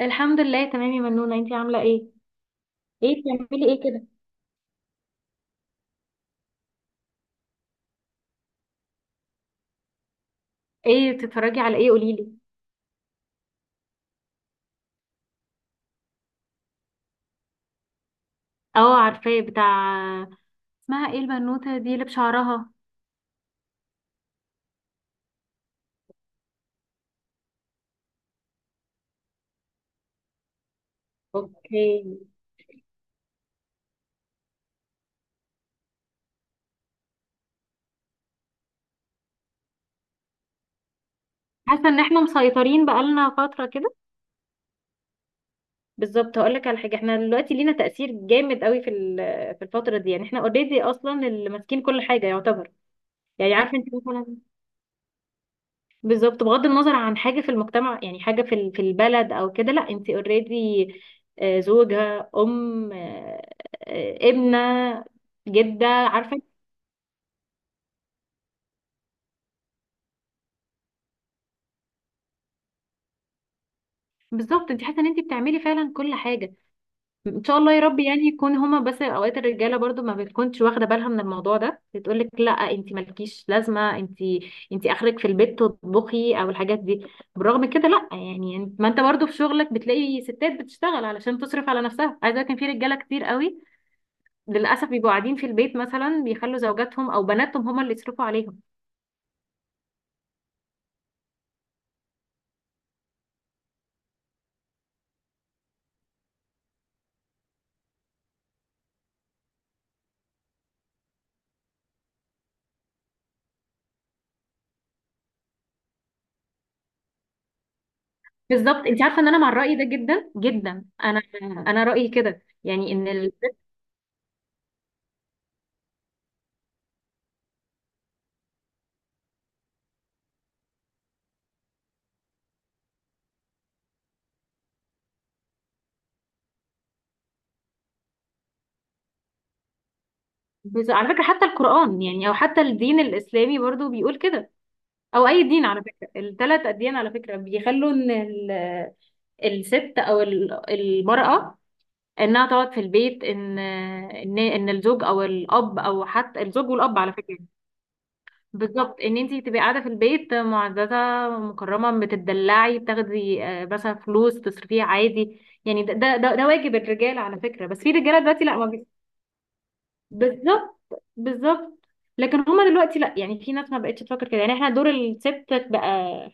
الحمد لله تمام يا منونة، انتي عاملة ايه؟ ايه بتعملي ايه كده؟ ايه بتتفرجي على ايه، قوليلي؟ اه عارفاه بتاع. اسمها ايه البنوتة دي اللي بشعرها؟ اوكي. حاسة ان احنا مسيطرين بقالنا فترة كده. بالظبط، هقولك على حاجة، احنا دلوقتي لينا تأثير جامد قوي في الفترة دي، يعني احنا اوريدي اصلا اللي ماسكين كل حاجة يعتبر. يعني عارفة انت مثلا، بالظبط، بغض النظر عن حاجة في المجتمع، يعني حاجة في البلد أو كده، لأ، أنت اوريدي زوجة، أم، ابنة، جدة، عارفة. بالظبط، أنت حاسة إن أنت بتعملي فعلا كل حاجة. إن شاء الله يا رب، يعني يكون هما، بس أوقات الرجالة برضو ما بتكونش واخدة بالها من الموضوع ده، بتقولك لأ أنت مالكيش لازمة، أنت أنت آخرك في البيت تطبخي أو الحاجات دي. بالرغم من كده لأ، يعني ما أنت برضو في شغلك بتلاقي ستات بتشتغل علشان تصرف على نفسها. عايزة أقولك إن في رجالة كتير قوي للاسف بيبقوا قاعدين في البيت، مثلا بيخلوا زوجاتهم او بناتهم هما اللي يصرفوا عليهم. بالظبط، انت عارفه ان انا مع الراي ده جدا جدا، انا رايي كده، يعني ان على فكره حتى القران يعني، او حتى الدين الاسلامي برضو بيقول كده، او اي دين على فكره، الثلاث اديان على فكره بيخلوا ان الست او المراه انها تقعد في البيت، ان ان الزوج او الاب، او حتى الزوج والاب على فكره، بالظبط، ان انتي تبقي قاعده في البيت معززه مكرمه، بتدلعي، بتاخدي مثلا فلوس تصرفيها عادي، يعني ده واجب الرجال على فكره، بس في رجاله دلوقتي لا ما بي... بالظبط. بالظبط. لكن هما دلوقتي لا، يعني في ناس ما بقتش تفكر كده. يعني احنا دور الست بقى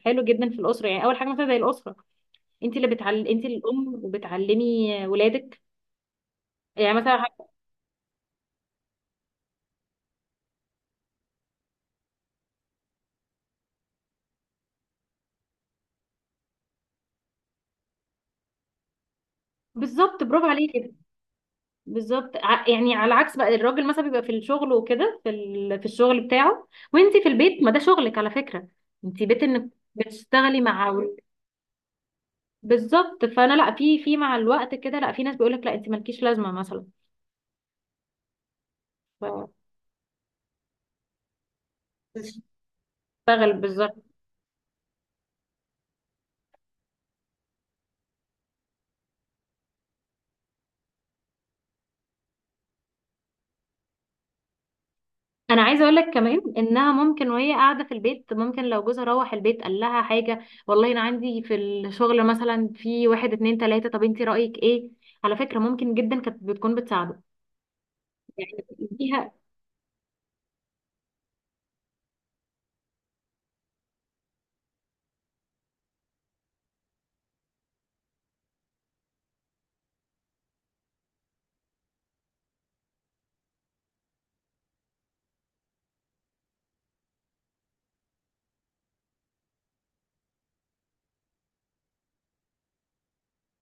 حلو جدا في الاسره، يعني اول حاجه مثلا زي الاسره، انت الام وبتعلمي ولادك. يعني مثلا حاجة... بالظبط، برافو عليكي. بالظبط، يعني على العكس بقى، الراجل مثلا بيبقى في الشغل وكده، في الشغل بتاعه، وانتي في البيت، ما ده شغلك على فكرة. انتي بيت انك بتشتغلي مع بالظبط. فانا لا، في مع الوقت كده، لا في ناس بيقولك لا انتي مالكيش لازمة مثلا. ف- بتشتغل بالظبط. انا عايزه اقول لك كمان انها ممكن وهي قاعده في البيت، ممكن لو جوزها روح البيت قال لها حاجه، والله انا عندي في الشغل مثلا في واحد اتنين تلاته، طب انتي رايك ايه؟ على فكره ممكن جدا كانت بتكون بتساعده، يعني ليها.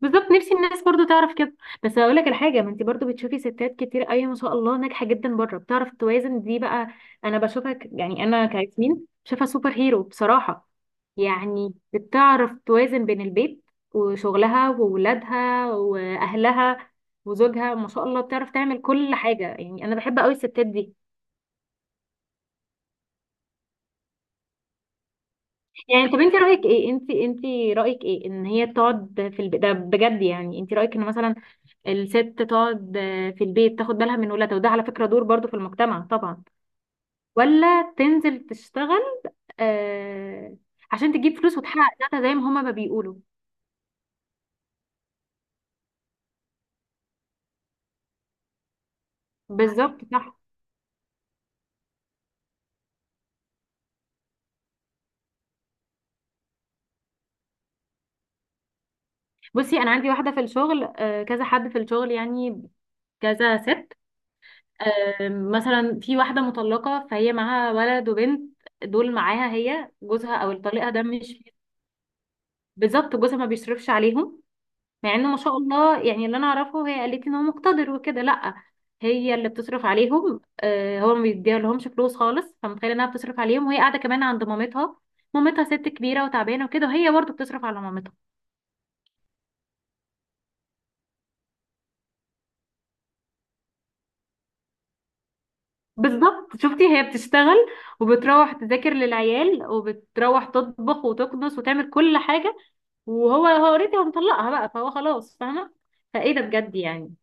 بالظبط، نفسي الناس برضو تعرف كده. بس هقول لك الحاجه، ما انت برضو بتشوفي ستات كتير قوي ما شاء الله ناجحه جدا بره، بتعرف توازن، دي بقى انا بشوفها يعني، انا كياسمين شايفها سوبر هيرو بصراحه. يعني بتعرف توازن بين البيت وشغلها وولادها واهلها وزوجها، ما شاء الله بتعرف تعمل كل حاجه، يعني انا بحب قوي الستات دي. يعني طب انت رايك ايه؟ انت رايك ايه ان هي تقعد في البيت ده بجد؟ يعني انت رايك ان مثلا الست تقعد في البيت تاخد بالها من ولادها، وده على فكرة دور برضو في المجتمع طبعا، ولا تنزل تشتغل آه، عشان تجيب فلوس وتحقق ذاتها زي ما هما ما بيقولوا؟ بالظبط صح. بصي انا عندي واحدة في الشغل، كذا حد في الشغل، يعني كذا ست، مثلا في واحدة مطلقة، فهي معاها ولد وبنت، دول معاها هي، جوزها او الطليقة ده مش بالظبط جوزها ما بيصرفش عليهم، مع ان ما شاء الله، يعني اللي انا اعرفه هي قالت ان هو مقتدر وكده، لا هي اللي بتصرف عليهم. آه، هو ما بيديها لهمش فلوس خالص، فمتخيله انها بتصرف عليهم وهي قاعده كمان عند مامتها. مامتها ست كبيره وتعبانه وكده، وهي برضه بتصرف على مامتها. بالظبط، شفتي، هي بتشتغل وبتروح تذاكر للعيال، وبتروح تطبخ وتكنس وتعمل كل حاجه، وهو، هو اوريدي هو مطلقها بقى، فهو خلاص فاهمه. فايه ده بجد؟ يعني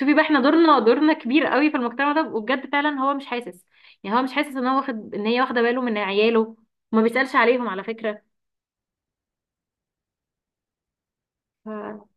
شوفي بقى، احنا دورنا كبير قوي في المجتمع ده، وبجد فعلا هو مش حاسس، يعني هو مش حاسس ان هو واخد، ان هي واخده باله من عياله، وما بيسالش عليهم على فكره. ف-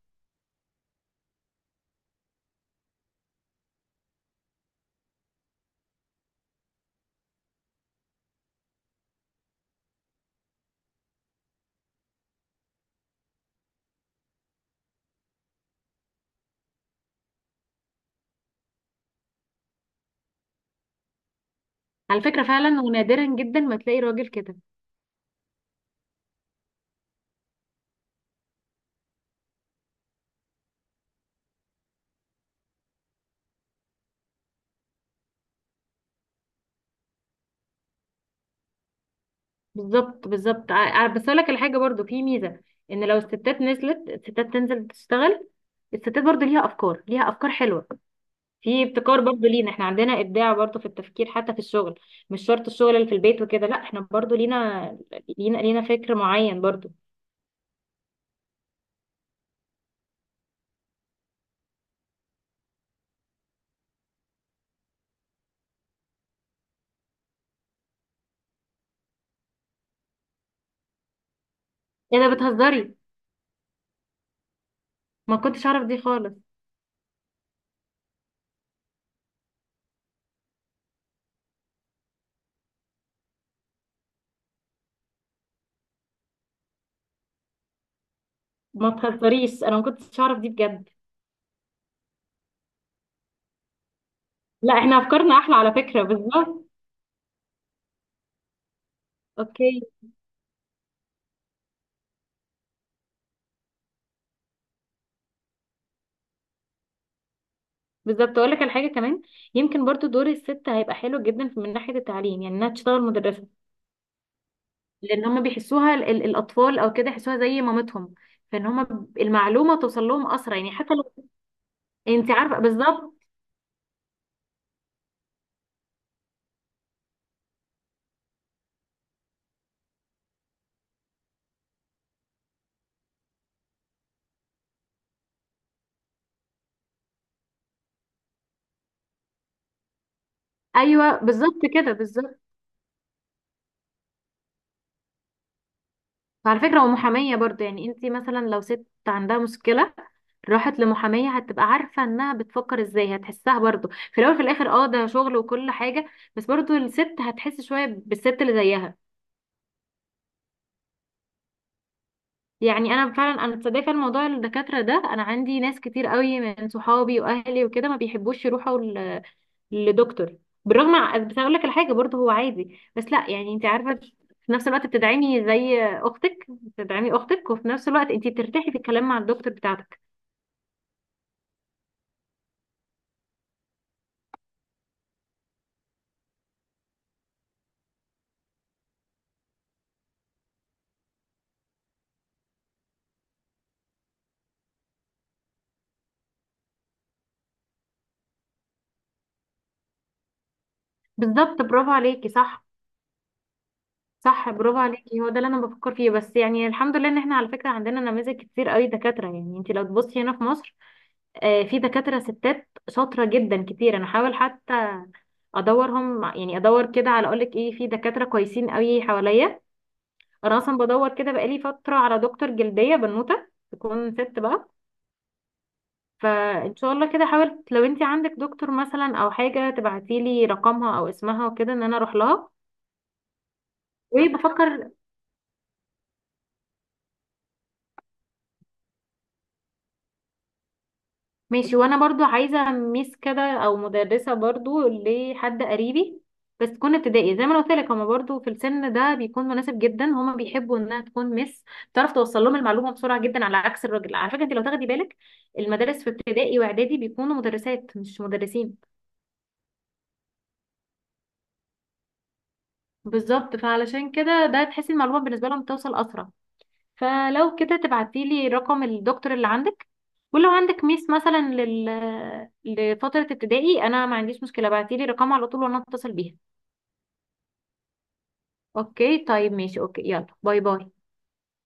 على فكره فعلا، ونادرا جدا ما تلاقي راجل كده. بالظبط. بالظبط. بس اقول لك الحاجه برضو، في ميزه ان لو الستات نزلت، الستات تنزل تشتغل، الستات برضو ليها افكار، ليها افكار حلوه، في ابتكار برضو لينا، احنا عندنا ابداع برضو في التفكير حتى في الشغل، مش شرط الشغل اللي في البيت وكده، لا احنا برضو لينا فكر معين برضو. ايه ده، بتهزري؟ ما كنتش اعرف دي خالص. ما تخسريش، انا ما كنتش اعرف دي بجد. لا احنا افكارنا احلى على فكره، بالظبط. اوكي. بالظبط، اقول لك على حاجه كمان، يمكن برضو دور الست هيبقى حلو جدا من ناحيه التعليم، يعني انها تشتغل مدرسه، لان هم بيحسوها، ال الاطفال او كده يحسوها زي مامتهم، فان هم المعلومه توصل لهم اسرع، يعني حتى لو انت عارفه بالظبط. ايوه بالظبط كده، بالظبط. وعلى فكرة ومحامية برضه، يعني انتي مثلا لو ست عندها مشكلة، راحت لمحامية، هتبقى عارفة انها بتفكر ازاي، هتحسها برضه في الاول في الاخر، اه ده شغل وكل حاجة، بس برضه الست هتحس شوية بالست اللي زيها. يعني انا فعلا، انا تصدقي فعلا موضوع الدكاترة ده، انا عندي ناس كتير قوي من صحابي واهلي وكده ما بيحبوش يروحوا لدكتور، بالرغم. بس اقول لك الحاجة برضه، هو عادي، بس لا يعني انتي عارفة في نفس الوقت بتدعمي زي اختك، بتدعمي اختك، وفي نفس الوقت انتي بترتاحي في الكلام مع الدكتور بتاعتك. بالظبط، برافو عليكي، صح. صح، برافو عليكي، هو ده اللي انا بفكر فيه. بس يعني الحمد لله ان احنا على فكره عندنا نماذج كتير قوي دكاتره، يعني انت لو تبصي هنا في مصر، في دكاتره ستات شاطره جدا كتير، انا حاول حتى ادورهم يعني، ادور كده على اقول لك ايه، في دكاتره كويسين قوي حواليا. انا اصلا بدور كده بقالي فتره على دكتور جلديه بنوته تكون ست بقى، فان شاء الله كده حاول، لو انت عندك دكتور مثلا او حاجه تبعتي لي رقمها او اسمها وكده ان انا اروح لها وبفكر. ماشي، وانا برضو عايزه ميس كده او مدرسه برضو لحد قريبي، بس تكون ابتدائي زي ما انا قلت لك، هما برضو في السن ده بيكون مناسب جدا، هما بيحبوا انها تكون ميس، تعرف توصل لهم المعلومه بسرعه جدا على عكس الراجل. على فكره انت لو تاخدي بالك، المدارس في ابتدائي واعدادي بيكونوا مدرسات مش مدرسين. بالظبط، فعلشان كده ده تحسي المعلومه بالنسبه لهم بتوصل اسرع. فلو كده تبعتيلي رقم الدكتور اللي عندك، ولو عندك ميس مثلا لفترة ابتدائي انا ما عنديش مشكلة، ابعتيلي رقمها على طول وانا اتصل بيها. اوكي، طيب ماشي، اوكي يلا باي باي.